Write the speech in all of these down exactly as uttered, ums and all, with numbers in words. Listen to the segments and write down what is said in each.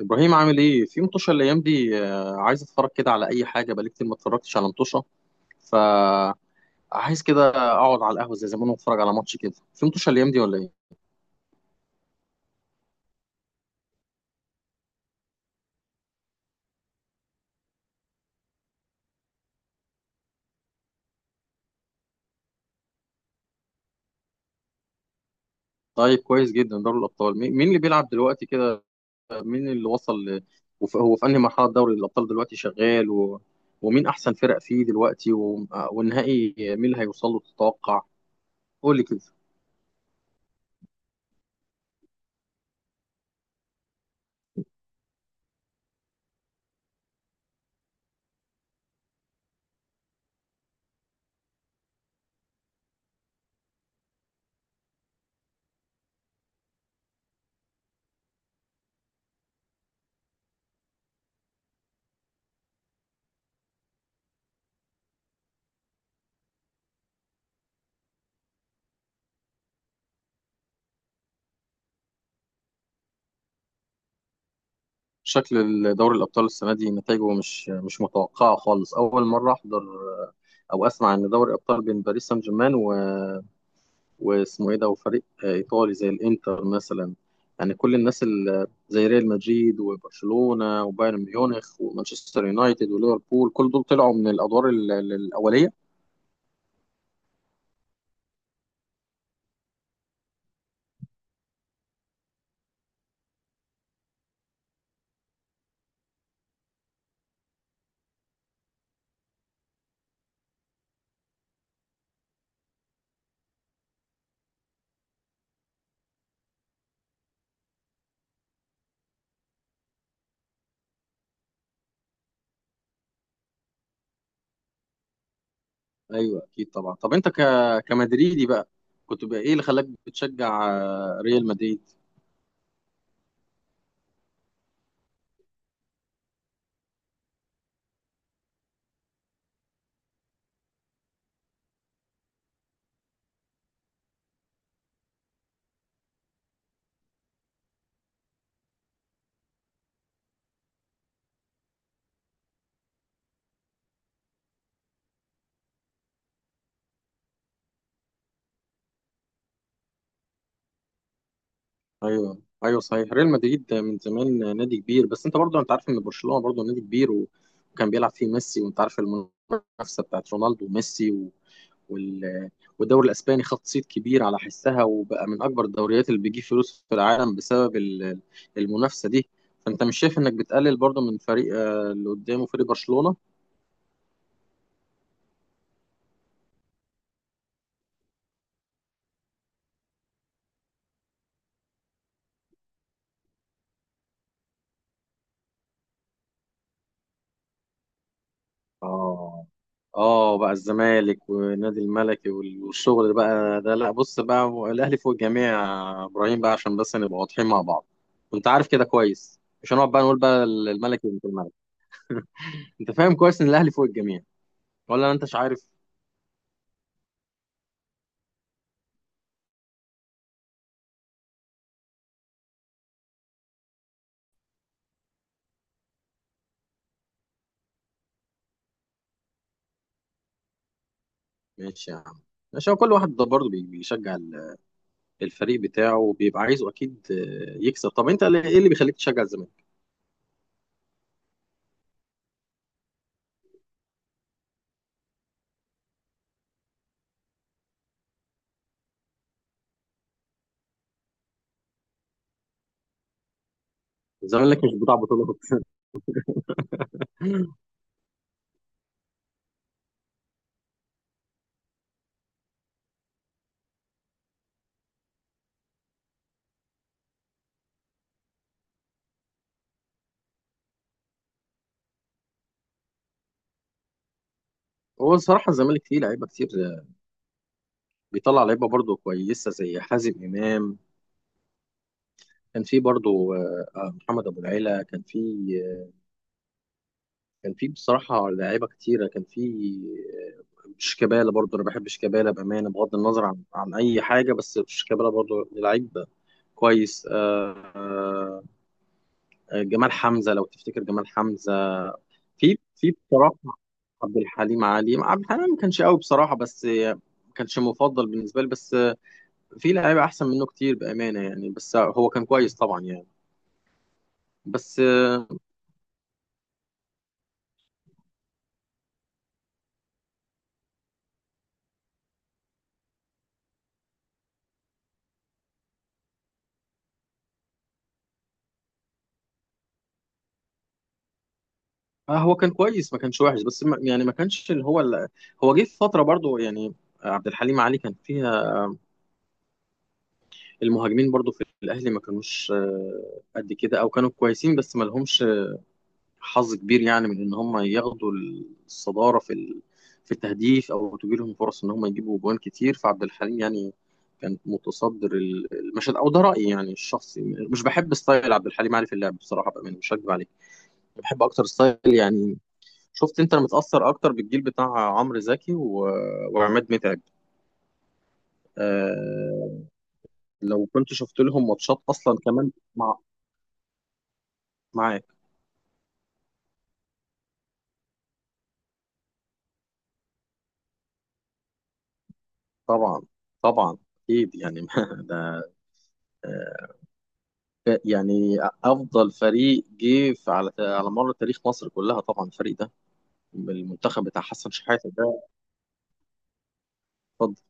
ابراهيم عامل ايه في مطوشه الايام دي؟ آه، عايز اتفرج كده على اي حاجه، بقالي كتير ما اتفرجتش على مطوشه، فعايز كده اقعد على القهوه زي زمان واتفرج على ماتش كده في مطوشه الايام دي ولا ايه؟ طيب كويس جدا. دوري الابطال، مين مين اللي بيلعب دلوقتي كده؟ مين اللي وصل ل... وف- هو في انهي مرحله دوري الابطال دلوقتي شغال و... ومين احسن فرق فيه دلوقتي و... آه، والنهائي مين اللي هيوصل له تتوقع؟ قول لي كده. شكل دوري الأبطال السنة دي نتائجه مش مش متوقعة خالص. أول مرة أحضر أو أسمع إن دوري الأبطال بين باريس سان جيرمان و... واسمه إيه ده، وفريق إيطالي زي الإنتر مثلا. يعني كل الناس اللي زي ريال مدريد وبرشلونة وبايرن ميونخ ومانشستر يونايتد وليفربول، كل دول طلعوا من الأدوار ال- ال- الأولية. أيوه، أكيد طبعا. طب أنت ك... كمدريدي بقى، كنت بقى إيه اللي خلاك بتشجع آه، ريال مدريد؟ ايوه ايوه، صحيح، ريال مدريد من زمان نادي كبير، بس انت برضو انت عارف ان برشلونه برضو نادي كبير و- وكان بيلعب فيه ميسي، وانت عارف المنافسه بتاعت رونالدو وميسي و... وال... والدوري الاسباني خد صيت كبير على حسها، وبقى من اكبر الدوريات اللي بيجيب فلوس في العالم بسبب ال- المنافسه دي. فانت مش شايف انك بتقلل برضو من فريق آه، اللي قدامه فريق برشلونه؟ اه، اه بقى الزمالك والنادي الملكي وال- والشغل بقى ده، لا بص بقى، هو الاهلي فوق الجميع يا ابراهيم بقى، عشان بس نبقى واضحين مع بعض. انت عارف كده كويس، مش هنقعد بقى نقول بقى الملكي وانت الملك. انت فاهم كويس ان الاهلي فوق الجميع، ولا انت مش عارف؟ ماشي يا عم، ماشي. هو كل واحد ده برضه بي- بيشجع ال- الفريق بتاعه، وبيبقى عايزه اكيد آه، يكسب. طب انت ليه- ايه اللي بيخليك تشجع الزمالك؟ الزمالك مش بتاع بطولات. هو الصراحه الزمالك فيه لعيبه كتير، آه، بيطلع لعيبه برضه كويسه زي حازم امام. كان في برضو، آه، آه، محمد ابو العيلة كان في، آه، كان في بصراحة لعيبة كتيرة. كان في آه، شيكابالا، برضو انا بحب شيكابالا بأمانة، بغض النظر عن عن اي حاجة، بس شيكابالا برضو لعيب كويس. آه، آه، آه، جمال حمزة، لو تفتكر جمال حمزة. في في بصراحة عبد الحليم علي، عبد الحليم ما كانش قوي بصراحة، بس آه، ما كانش مفضل بالنسبة لي، بس آه، في لعيبة احسن منه كتير بأمانة يعني، بس آه، هو كان كويس طبعا يعني. بس آه هو كان كويس، ما كانش وحش، بس ما يعني ما كانش اللي هو ال- هو جه في فتره برضو يعني، عبد الحليم علي كان فيها المهاجمين برضو في الاهلي ما كانوش آه، قد كده، او كانوا كويسين بس ما لهمش حظ كبير يعني، من ان هم ياخدوا الصداره في ال- في التهديف، او تجي لهم فرص ان هم يجيبوا جوان كتير. فعبد الحليم يعني كان متصدر ال- المشهد، او ده رايي يعني الشخصي. مش بحب ستايل عبد الحليم علي في اللعب بصراحه بقى، مش هكذب عليك، بحب اكتر ستايل يعني. شفت انت؟ انا متأثر اكتر بالجيل بتاع عمرو زكي و... وعماد متعب. آه... لو كنت شفت لهم ماتشات اصلا كمان مع... معاك. طبعا، طبعا، اكيد يعني. ده آه، يعني افضل فريق جه في- على على مر تاريخ مصر كلها طبعا، الفريق ده، المنتخب بتاع حسن شحاته ده. اتفضل.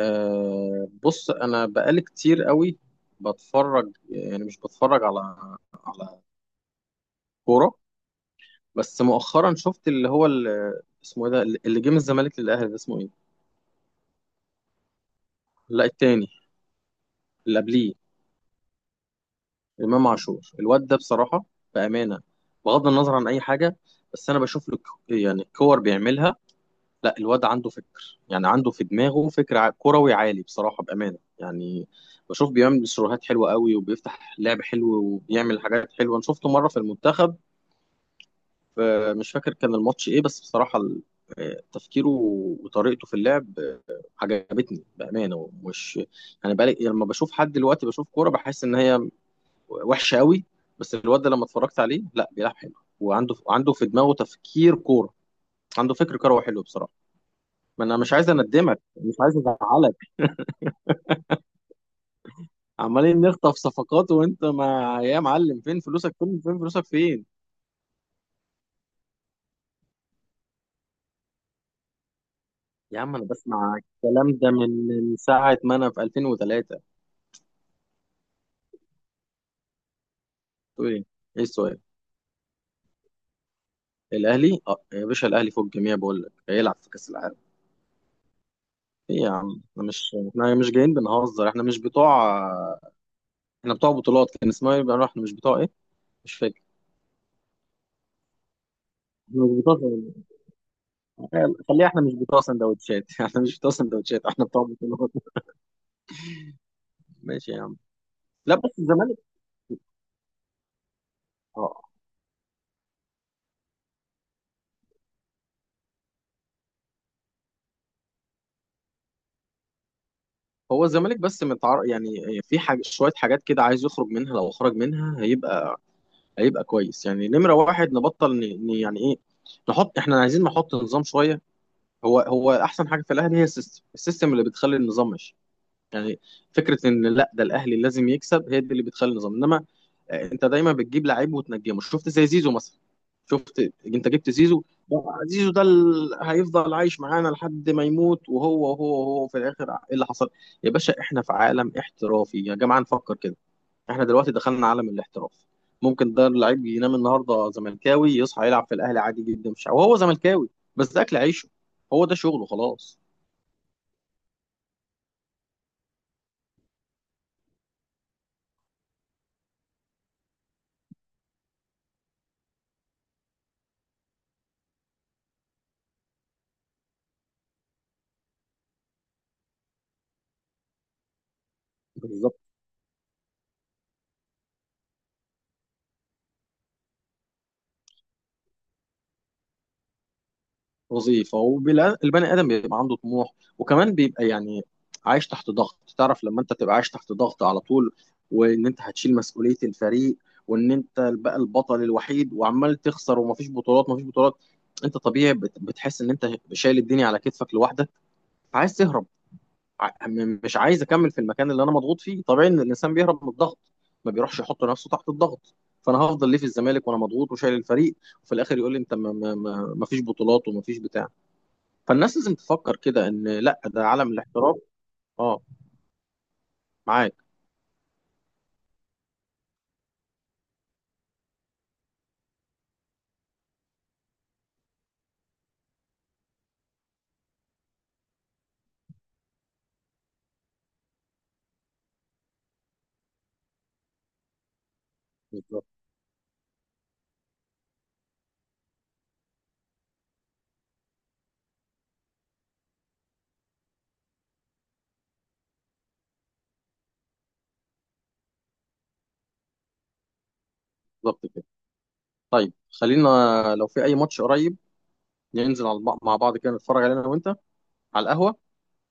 آه بص، انا بقالي كتير قوي بتفرج، يعني مش بتفرج على كوره، بس مؤخرا شفت اللي هو ال- اسمه ايه ده اللي جه من الزمالك للاهلي، ده اسمه ايه؟ لا، التاني، اللي قبليه. امام عاشور، الواد ده بصراحه، بامانه، بغض النظر عن اي حاجه، بس انا بشوف له ك- يعني الكور بيعملها، لا الواد عنده فكر، يعني عنده في دماغه فكر ع- كروي عالي بصراحه بامانه يعني. بشوف بيعمل سيروهات حلوه قوي، وبيفتح لعب حلو، وبيعمل حاجات حلوه. انا شفته مره في المنتخب، آه، مش فاكر كان الماتش ايه، بس بصراحه ال- آه، تفكيره وطريقته في اللعب عجبتني بامانه. مش يعني، بقالي يعني لما بشوف حد دلوقتي بشوف كوره بحس ان هي وحشه قوي، بس الواد ده لما اتفرجت عليه، لا بيلعب حلو، وعنده عنده في دماغه تفكير كوره، عنده فكر كروي حلو بصراحه. ما انا مش عايز اندمك، مش عايز ازعلك. عمالين نخطف صفقات وانت ما، يا معلم، فين فلوسك فين، فين فلوسك فين؟ يا عم انا بسمع الكلام ده من من ساعه ما انا في ألفين وثلاثة. تقول ايه؟ ايه السؤال؟ الاهلي؟ اه يا باشا، الاهلي فوق الجميع، بقول لك هيلعب في كاس العالم. ايه يا عم، احنا مش احنا مش جايين بنهزر، احنا مش بتوع، احنا بتوع بطولات. كان اسمها ايه بقى؟ احنا مش بتوع ايه، مش فاكر. احنا مش بتوع، خليها، احنا مش بتوع سندوتشات. احنا مش بتوع سندوتشات، احنا بتوع بطولات. ماشي يا عم. لا بس الزمالك، اه، هو الزمالك بس متعر... يعني في حاجة، شوية حاجات كده عايز يخرج منها، لو خرج منها هيبقى، هيبقى كويس يعني. نمرة واحد، نبطل ن... ن... يعني ايه، نحط، احنا عايزين نحط نظام شوية. هو هو احسن حاجة في الاهلي هي السيستم، السيستم اللي بتخلي النظام ماشي يعني، فكره ان لا ده الاهلي لازم يكسب، هي دي اللي بتخلي النظام. انما آه، انت دايما بتجيب لعيب وتنجمه. شفت زي زيزو مثلا؟ شفت، انت جبت زيزو، زيزو ده ال- هيفضل عايش معانا لحد ما يموت، وهو وهو وهو في الاخر ايه اللي حصل؟ يا باشا، احنا في عالم احترافي يا جماعه، نفكر كده، احنا دلوقتي دخلنا عالم الاحتراف. ممكن ده اللعيب ينام النهارده زملكاوي يصحى يلعب في الاهلي عادي جدا، مش وهو زملكاوي، بس ده اكل عيشه، هو ده شغله خلاص. بالظبط. وظيفه، والبني ادم بيبقى عنده طموح، وكمان بيبقى يعني عايش تحت ضغط. تعرف لما انت تبقى عايش تحت ضغط على طول، وان انت هتشيل مسؤوليه الفريق، وان انت بقى البطل الوحيد، وعمال تخسر ومفيش بطولات، مفيش بطولات، انت طبيعي بت- بتحس ان انت شايل الدنيا على كتفك لوحدك، عايز تهرب. ع- م- مش عايز اكمل في المكان اللي انا مضغوط فيه، طبيعي ان الانسان بيهرب من الضغط، ما بيروحش يحط نفسه تحت الضغط. فانا هفضل ليه في الزمالك وانا مضغوط وشايل الفريق، وفي الاخر يقول لي انت ما ما- ما- مفيش بطولات ومفيش بتاع. فالناس لازم تفكر كده ان لا ده عالم الاحتراف. اه، معاك. بالظبط، بالظبط كده. طيب خلينا، لو في اي ماتش قريب، ننزل على الب- مع بعض كده نتفرج عليه انا وانت، على القهوه،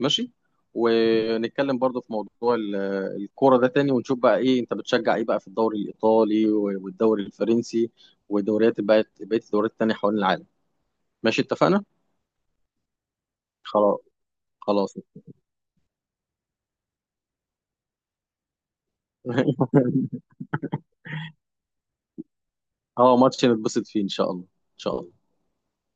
ماشي، ونتكلم برضو في موضوع ال- الكوره ده تاني، ونشوف بقى ايه انت بتشجع ايه بقى في الدوري الايطالي و- والدوري الفرنسي والدوريات بقى، بقيه الدوريات التانيه حوالين العالم. ماشي، اتفقنا. خلاص، خلاص. اه، ماتش نتبسط فيه ان شاء الله، ان شاء الله.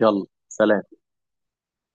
يلا سلام.